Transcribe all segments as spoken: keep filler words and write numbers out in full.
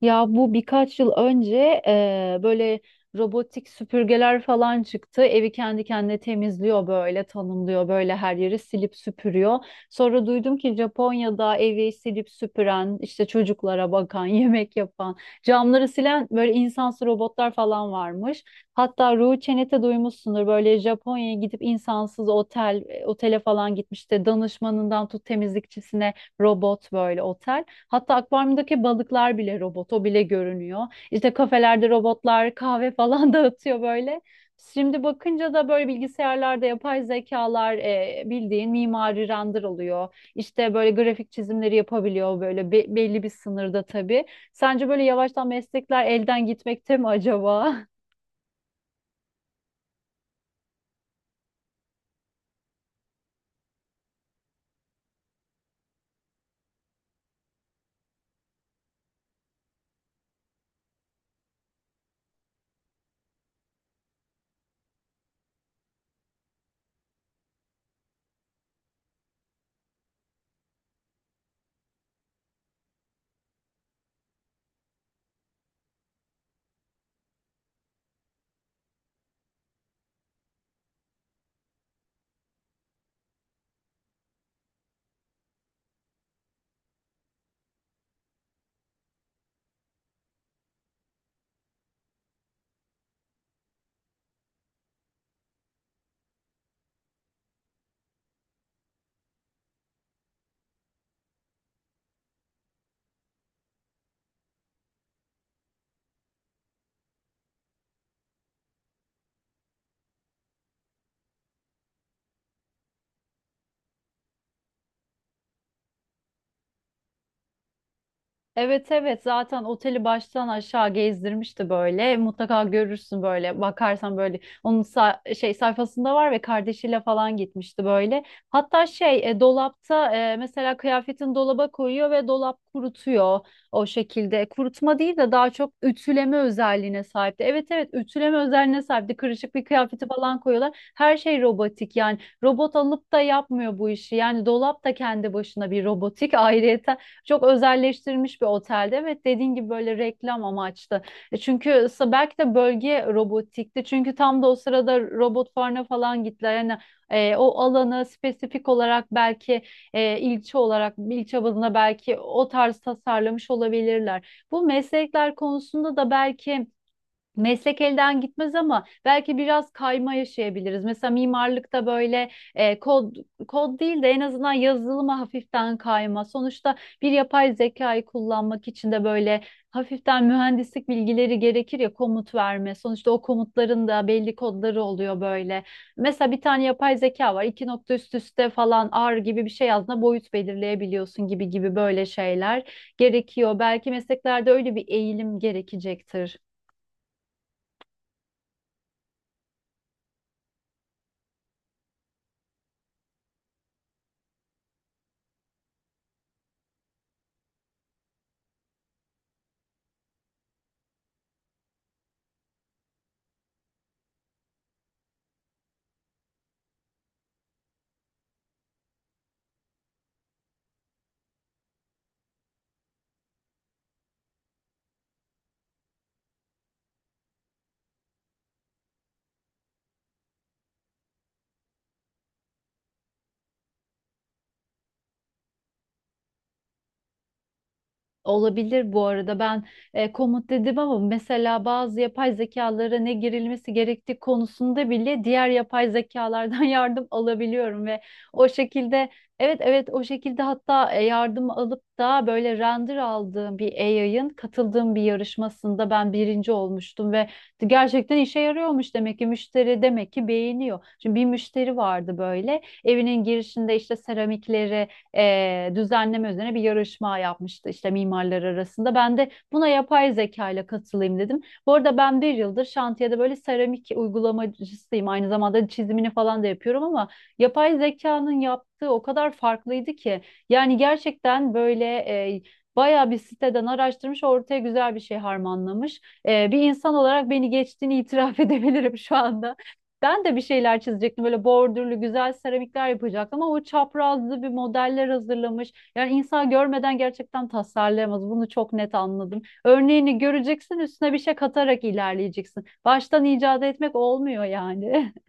Ya bu birkaç yıl önce eee, böyle robotik süpürgeler falan çıktı. Evi kendi kendine temizliyor böyle tanımlıyor böyle her yeri silip süpürüyor. Sonra duydum ki Japonya'da evi silip süpüren işte çocuklara bakan yemek yapan camları silen böyle insansı robotlar falan varmış. Hatta Ruhi Çenet'e duymuşsundur böyle Japonya'ya gidip insansız otel e, otele falan gitmiş de danışmanından tut temizlikçisine robot böyle otel. Hatta akvaryumdaki balıklar bile robot, o bile görünüyor. İşte kafelerde robotlar kahve falan dağıtıyor böyle. Şimdi bakınca da böyle bilgisayarlarda yapay zekalar e, bildiğin mimari render oluyor. İşte böyle grafik çizimleri yapabiliyor böyle be- belli bir sınırda tabii. Sence böyle yavaştan meslekler elden gitmekte mi acaba? Evet evet zaten oteli baştan aşağı gezdirmişti böyle. Mutlaka görürsün böyle bakarsan böyle onun sa- şey sayfasında var ve kardeşiyle falan gitmişti böyle. Hatta şey e, dolapta e, mesela kıyafetin dolaba koyuyor ve dolap kurutuyor o şekilde. Kurutma değil de daha çok ütüleme özelliğine sahipti. Evet evet ütüleme özelliğine sahipti. Kırışık bir kıyafeti falan koyuyorlar. Her şey robotik yani robot alıp da yapmıyor bu işi. Yani dolap da kendi başına bir robotik ayrıyeten. Çok özelleştirilmiş bir otelde. Evet dediğin gibi böyle reklam amaçlı. E, Çünkü sa- belki de bölge robotikti. Çünkü tam da o sırada robot fuarına falan gittiler. Yani e, o alanı spesifik olarak belki e, ilçe olarak ilçe bazında belki o tarz tasarlamış olabilirler. Bu meslekler konusunda da belki meslek elden gitmez ama belki biraz kayma yaşayabiliriz. Mesela mimarlıkta böyle e, kod kod değil de en azından yazılıma hafiften kayma. Sonuçta bir yapay zekayı kullanmak için de böyle hafiften mühendislik bilgileri gerekir ya komut verme. Sonuçta o komutların da belli kodları oluyor böyle. Mesela bir tane yapay zeka var. İki nokta üst üste falan R gibi bir şey yazdığında boyut belirleyebiliyorsun gibi gibi böyle şeyler gerekiyor. Belki mesleklerde öyle bir eğilim gerekecektir. Olabilir, bu arada ben e, komut dedim ama mesela bazı yapay zekalara ne girilmesi gerektiği konusunda bile diğer yapay zekalardan yardım alabiliyorum ve o şekilde, evet evet, o şekilde hatta e, yardım alıp da böyle render aldığım bir A I'ın katıldığım bir yarışmasında ben birinci olmuştum ve gerçekten işe yarıyormuş, demek ki müşteri demek ki beğeniyor. Şimdi bir müşteri vardı böyle evinin girişinde işte seramikleri e, düzenleme üzerine bir yarışma yapmıştı işte mimarlar arasında. Ben de buna yapay zeka ile katılayım dedim. Bu arada ben bir yıldır şantiyede böyle seramik uygulamacısıyım. Aynı zamanda çizimini falan da yapıyorum ama yapay zekanın yaptığı o kadar farklıydı ki. Yani gerçekten böyle e, bayağı bir siteden araştırmış, ortaya güzel bir şey harmanlamış. E, bir insan olarak beni geçtiğini itiraf edebilirim şu anda. Ben de bir şeyler çizecektim. Böyle bordürlü güzel seramikler yapacaktım ama o çaprazlı bir modeller hazırlamış. Yani insan görmeden gerçekten tasarlayamaz. Bunu çok net anladım. Örneğini göreceksin, üstüne bir şey katarak ilerleyeceksin. Baştan icat etmek olmuyor yani.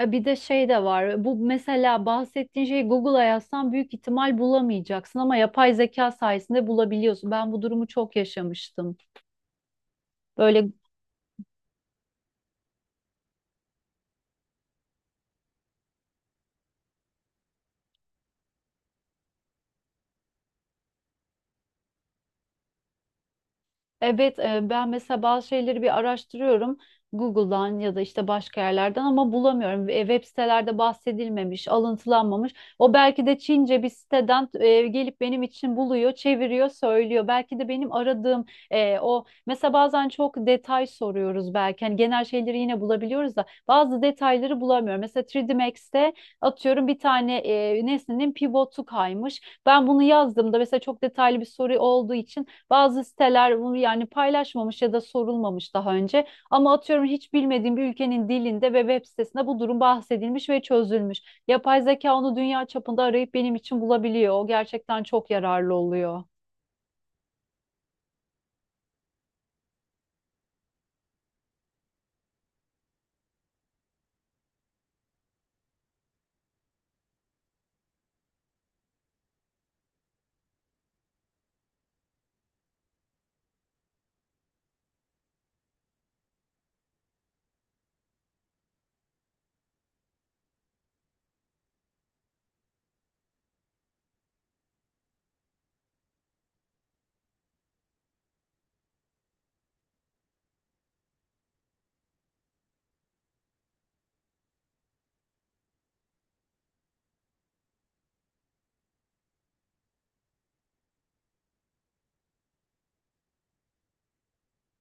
Ya bir de şey de var. Bu mesela bahsettiğin şeyi Google'a yazsan büyük ihtimal bulamayacaksın ama yapay zeka sayesinde bulabiliyorsun. Ben bu durumu çok yaşamıştım. Böyle evet, e, ben mesela bazı şeyleri bir araştırıyorum Google'dan ya da işte başka yerlerden ama bulamıyorum. E, Web sitelerde bahsedilmemiş, alıntılanmamış. O belki de Çince bir siteden e, gelip benim için buluyor, çeviriyor, söylüyor. Belki de benim aradığım e, o, mesela bazen çok detay soruyoruz belki. Hani genel şeyleri yine bulabiliyoruz da bazı detayları bulamıyorum. Mesela üç D Max'te atıyorum bir tane e, nesnenin pivotu kaymış. Ben bunu yazdığımda mesela çok detaylı bir soru olduğu için bazı siteler bunu yani paylaşmamış ya da sorulmamış daha önce. Ama atıyorum hiç bilmediğim bir ülkenin dilinde ve web sitesinde bu durum bahsedilmiş ve çözülmüş. Yapay zeka onu dünya çapında arayıp benim için bulabiliyor. O gerçekten çok yararlı oluyor.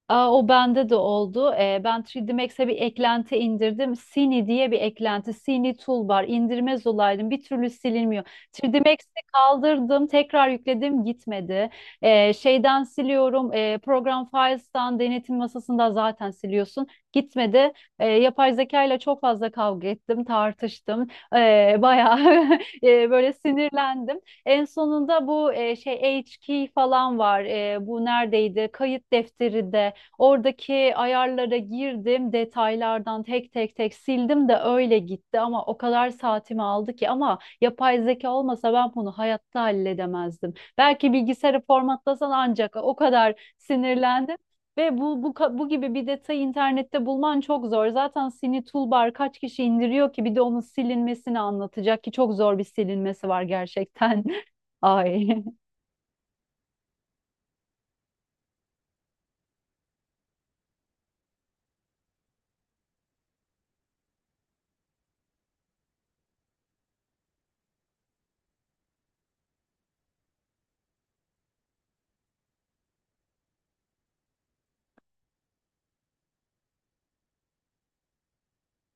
Aa, o bende de oldu. Ee, ben üç D Max'e bir eklenti indirdim. Cine diye bir eklenti. Cine Toolbar. İndirmez olaydım. Bir türlü silinmiyor. üç D Max'i kaldırdım. Tekrar yükledim. Gitmedi. Ee, şeyden siliyorum. ee, Program Files'tan denetim masasında zaten siliyorsun. Gitmedi. Ee, yapay zeka ile çok fazla kavga ettim. Tartıştım. Ee, bayağı ee, böyle sinirlendim. En sonunda bu e, şey H K falan var. E, bu neredeydi? Kayıt defteri de oradaki ayarlara girdim, detaylardan tek tek tek sildim de öyle gitti ama o kadar saatimi aldı ki, ama yapay zeka olmasa ben bunu hayatta halledemezdim. Belki bilgisayarı formatlasan ancak, o kadar sinirlendim. Ve bu, bu, ka- bu gibi bir detayı internette bulman çok zor. Zaten Sini Toolbar kaç kişi indiriyor ki bir de onun silinmesini anlatacak ki, çok zor bir silinmesi var gerçekten. Ay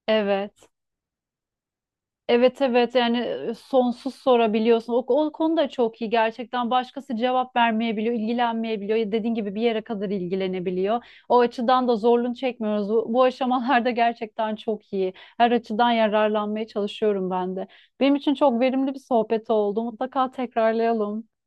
evet. Evet evet yani e, sonsuz sorabiliyorsun. O, o konu da çok iyi gerçekten. Başkası cevap vermeyebiliyor, ilgilenmeyebiliyor. Ya dediğin gibi bir yere kadar ilgilenebiliyor. O açıdan da zorluğunu çekmiyoruz. Bu, bu aşamalarda gerçekten çok iyi. Her açıdan yararlanmaya çalışıyorum ben de. Benim için çok verimli bir sohbet oldu. Mutlaka tekrarlayalım.